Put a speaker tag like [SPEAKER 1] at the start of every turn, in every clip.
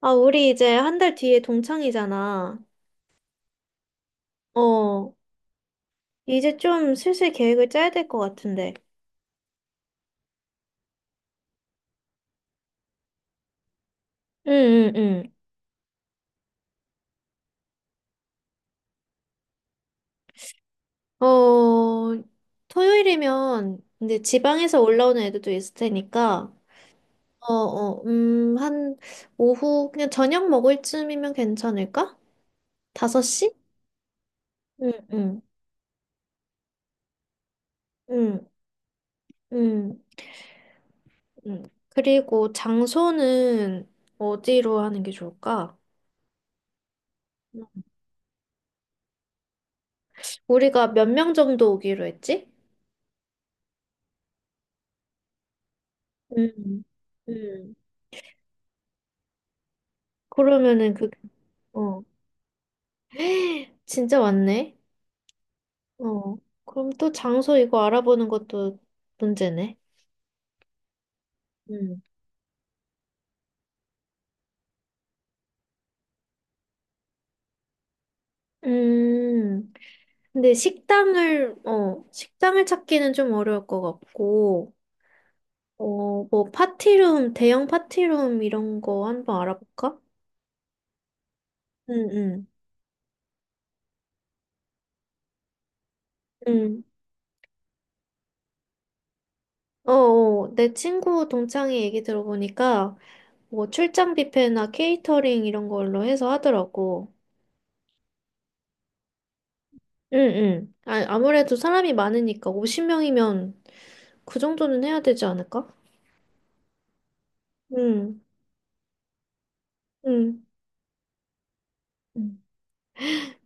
[SPEAKER 1] 아, 우리 이제 한 달 뒤에 동창이잖아. 어, 이제 좀 슬슬 계획을 짜야 될 것 같은데. 응, 응, 응. 토요일이면, 근데 지방에서 올라오는 애들도 있을 테니까, 한, 오후, 그냥 저녁 먹을 쯤이면 괜찮을까? 5시. 응, 응, 응, 응, 응. 그리고 장소는 어디로 하는 게 좋을까? 우리가 몇 명 정도 오기로 했지? 음, 음. 그러면은 그. 어. 진짜 왔네. 어. 그럼 또 장소 이거 알아보는 것도 문제네. 음. 음. 근데 식당을 찾기는 좀 어려울 것 같고, 뭐, 파티룸, 대형 파티룸 이런 거 한번 알아볼까? 응, 응, 응. 내 친구 동창이 얘기 들어보니까, 뭐, 출장 뷔페나 케이터링 이런 걸로 해서 하더라고. 응, 응. 아, 아무래도 사람이 많으니까 50명이면 그 정도는 해야 되지 않을까? 응, 응. 응,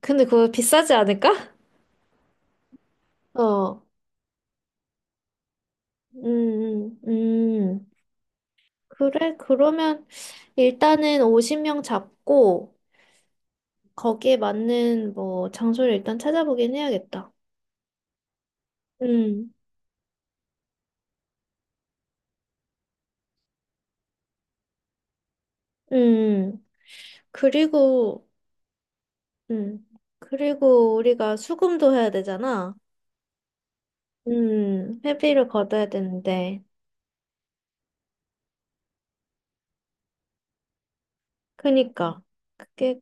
[SPEAKER 1] 근데 그거 비싸지 않을까? 어, 음, 음, 음. 그래, 그러면 일단은 50명 잡고 거기에 맞는 뭐 장소를 일단 찾아보긴 해야겠다. 음, 음. 그리고. 음. 그리고 우리가 수금도 해야 되잖아. 회비를 걷어야 되는데. 그니까. 그게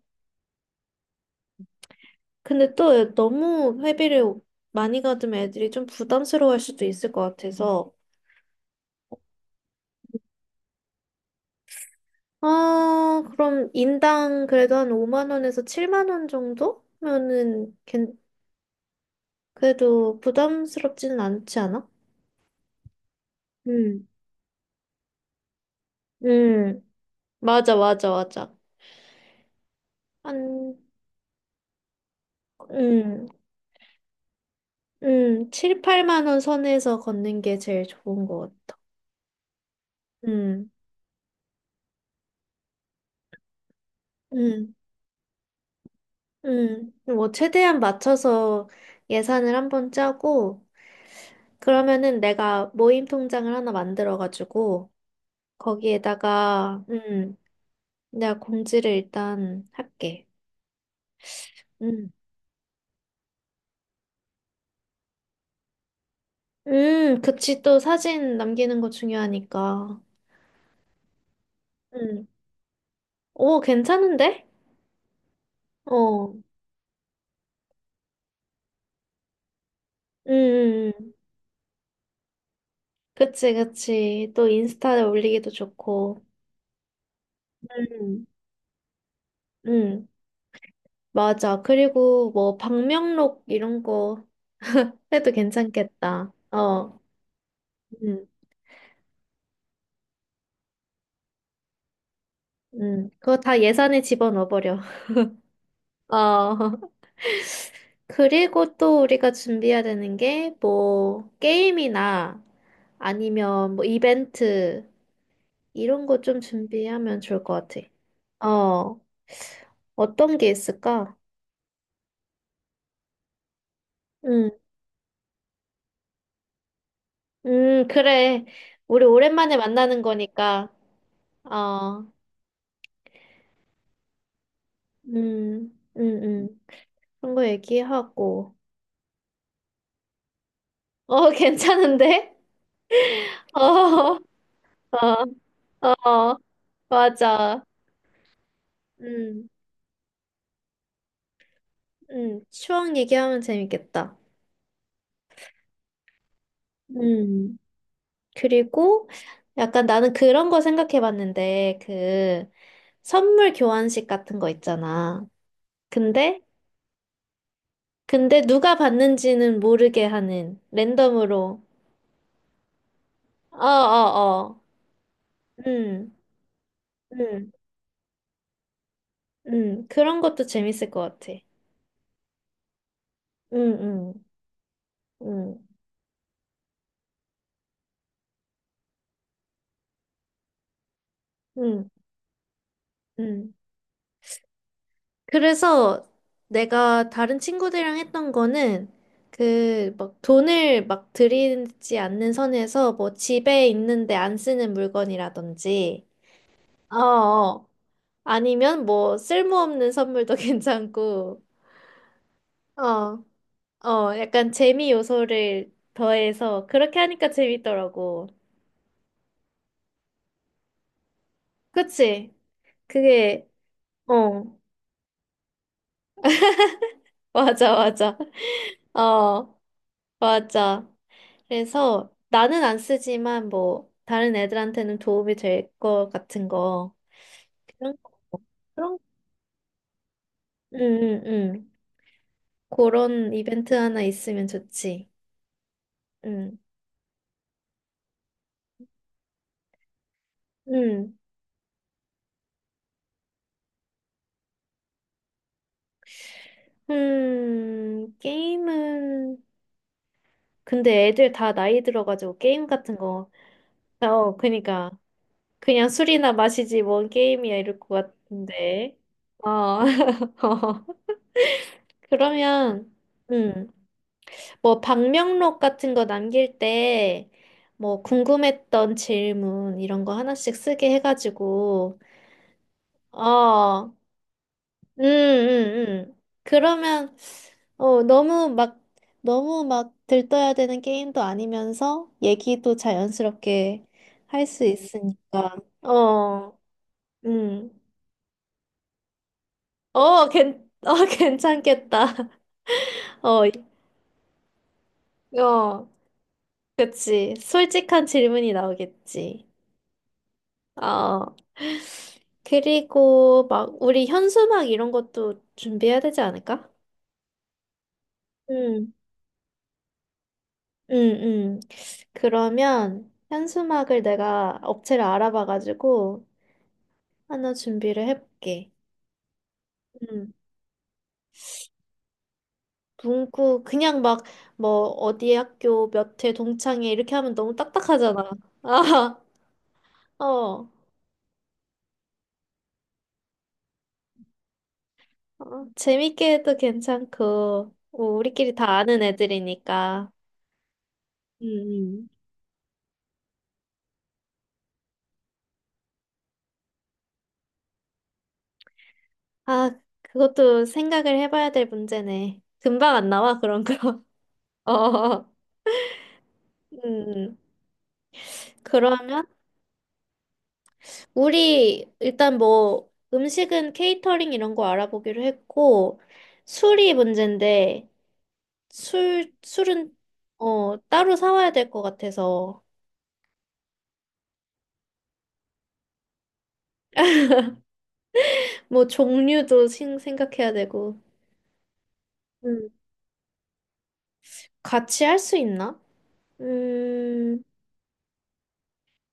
[SPEAKER 1] 근데 또 너무 회비를 많이 가지면 애들이 좀 부담스러워할 수도 있을 것 같아서. 아, 그럼 인당 그래도 한 5만 원에서 7만 원 정도면은. 그래도 부담스럽지는 않지 않아? 음. 음. 맞아, 맞아, 맞아. 한, 음, 7, 8만 원 선에서 걷는 게 제일 좋은 것 같아. 음, 음, 뭐, 최대한 맞춰서 예산을 한번 짜고, 그러면은 내가 모임 통장을 하나 만들어가지고 거기에다가 내가 공지를 일단 할게. 음. 그치, 또 사진 남기는 거 중요하니까. 음. 오, 괜찮은데? 어. 음. 음, 음. 그치, 그치. 또 인스타에 올리기도 좋고. 음. 음. 맞아. 그리고 뭐 방명록 이런 거 해도 괜찮겠다. 어. 음. 음. 그거 다 예산에 집어넣어버려. 어. 그리고 또 우리가 준비해야 되는 게 뭐 게임이나 아니면 뭐 이벤트 이런 거 좀 준비하면 좋을 것 같아. 어, 어떤 게 있을까? 음, 그래. 우리 오랜만에 만나는 거니까. 어, 음, 음, 음. 그런 거 얘기하고. 어, 괜찮은데? 어, 어, 어, 맞아. 음, 추억 얘기하면 재밌겠다. 음. 그리고 약간 나는 그런 거 생각해 봤는데, 그 선물 교환식 같은 거 있잖아. 근데, 근데 누가 받는지는 모르게 하는, 랜덤으로. 어, 어, 어. 음, 음, 그런 것도 재밌을 것 같아. 음, 음, 음, 음, 음. 그래서 내가 다른 친구들이랑 했던 거는 그 막 돈을 막 들이지 않는 선에서 뭐 집에 있는데 안 쓰는 물건이라든지 어, 어, 아니면 뭐 쓸모없는 선물도 괜찮고. 어. 어, 약간 재미 요소를 더해서 그렇게 하니까 재밌더라고. 그치? 그게 어, 맞아, 맞아. 어. 맞아. 그래서 나는 안 쓰지만 뭐 다른 애들한테는 도움이 될 것 같은 거, 그런 거. 그런 응, 응, 응. 그런 이벤트 하나 있으면 좋지. 응, 응. 게임은, 근데 애들 다 나이 들어가지고 게임 같은 거. 어, 그니까 그냥 술이나 마시지 뭔 게임이야 이럴 것 같은데. 어. 그러면, 응. 뭐 방명록 같은 거 남길 때 뭐 궁금했던 질문 이런 거 하나씩 쓰게 해가지고. 어, 음, 음, 그러면 어 너무 막 너무 막 들떠야 되는 게임도 아니면서 얘기도 자연스럽게 할 수 있으니까. 어, 음, 어, 괜찮겠다. 어, 어, 그치. 솔직한 질문이 나오겠지. 어. 그리고 막 우리 현수막 이런 것도 준비해야 되지 않을까? 음, 음, 음. 그러면 현수막을 내가 업체를 알아봐가지고 하나 준비를 해볼게. 음. 문구 그냥 막 뭐 어디 학교 몇 회 동창회 이렇게 하면 너무 딱딱하잖아. 아, 어, 어, 재밌게 해도 괜찮고 뭐 우리끼리 다 아는 애들이니까. 음, 음. 아, 그것도 생각을 해봐야 될 문제네. 금방 안 나와, 그런 거. 어. 음. 그러면, 우리, 일단 뭐, 음식은 케이터링 이런 거 알아보기로 했고, 술이 문제인데, 술은, 따로 사와야 될 것 같아서, 뭐, 종류도 생각해야 되고, 음. 같이 할 수 있나? 음,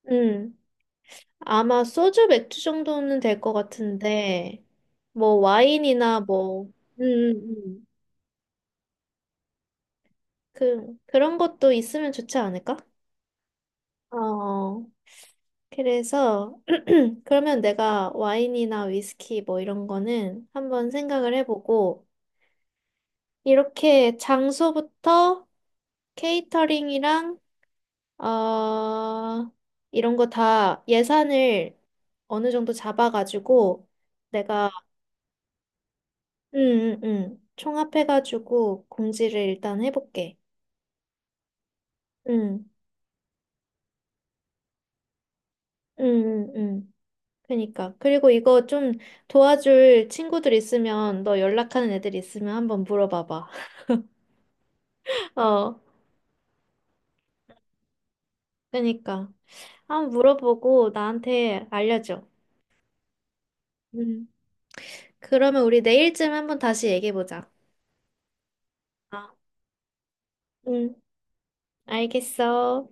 [SPEAKER 1] 음. 아마 소주 맥주 정도는 될 것 같은데, 뭐 와인이나 뭐, 음, 음, 음. 그런 것도 있으면 좋지 않을까? 어, 그래서, 그러면 내가 와인이나 위스키 뭐 이런 거는 한번 생각을 해보고, 이렇게 장소부터 케이터링이랑, 어, 이런 거 다 예산을 어느 정도 잡아가지고, 내가, 응, 응, 응, 총합해가지고 공지를 일단 해볼게. 응, 응, 응, 응. 그니까. 그리고 이거 좀 도와줄 친구들 있으면, 너 연락하는 애들 있으면 한번 물어봐봐. 어, 그니까. 한번 물어보고 나한테 알려줘. 응. 그러면 우리 내일쯤 한번 다시 얘기해보자. 아, 응, 알겠어.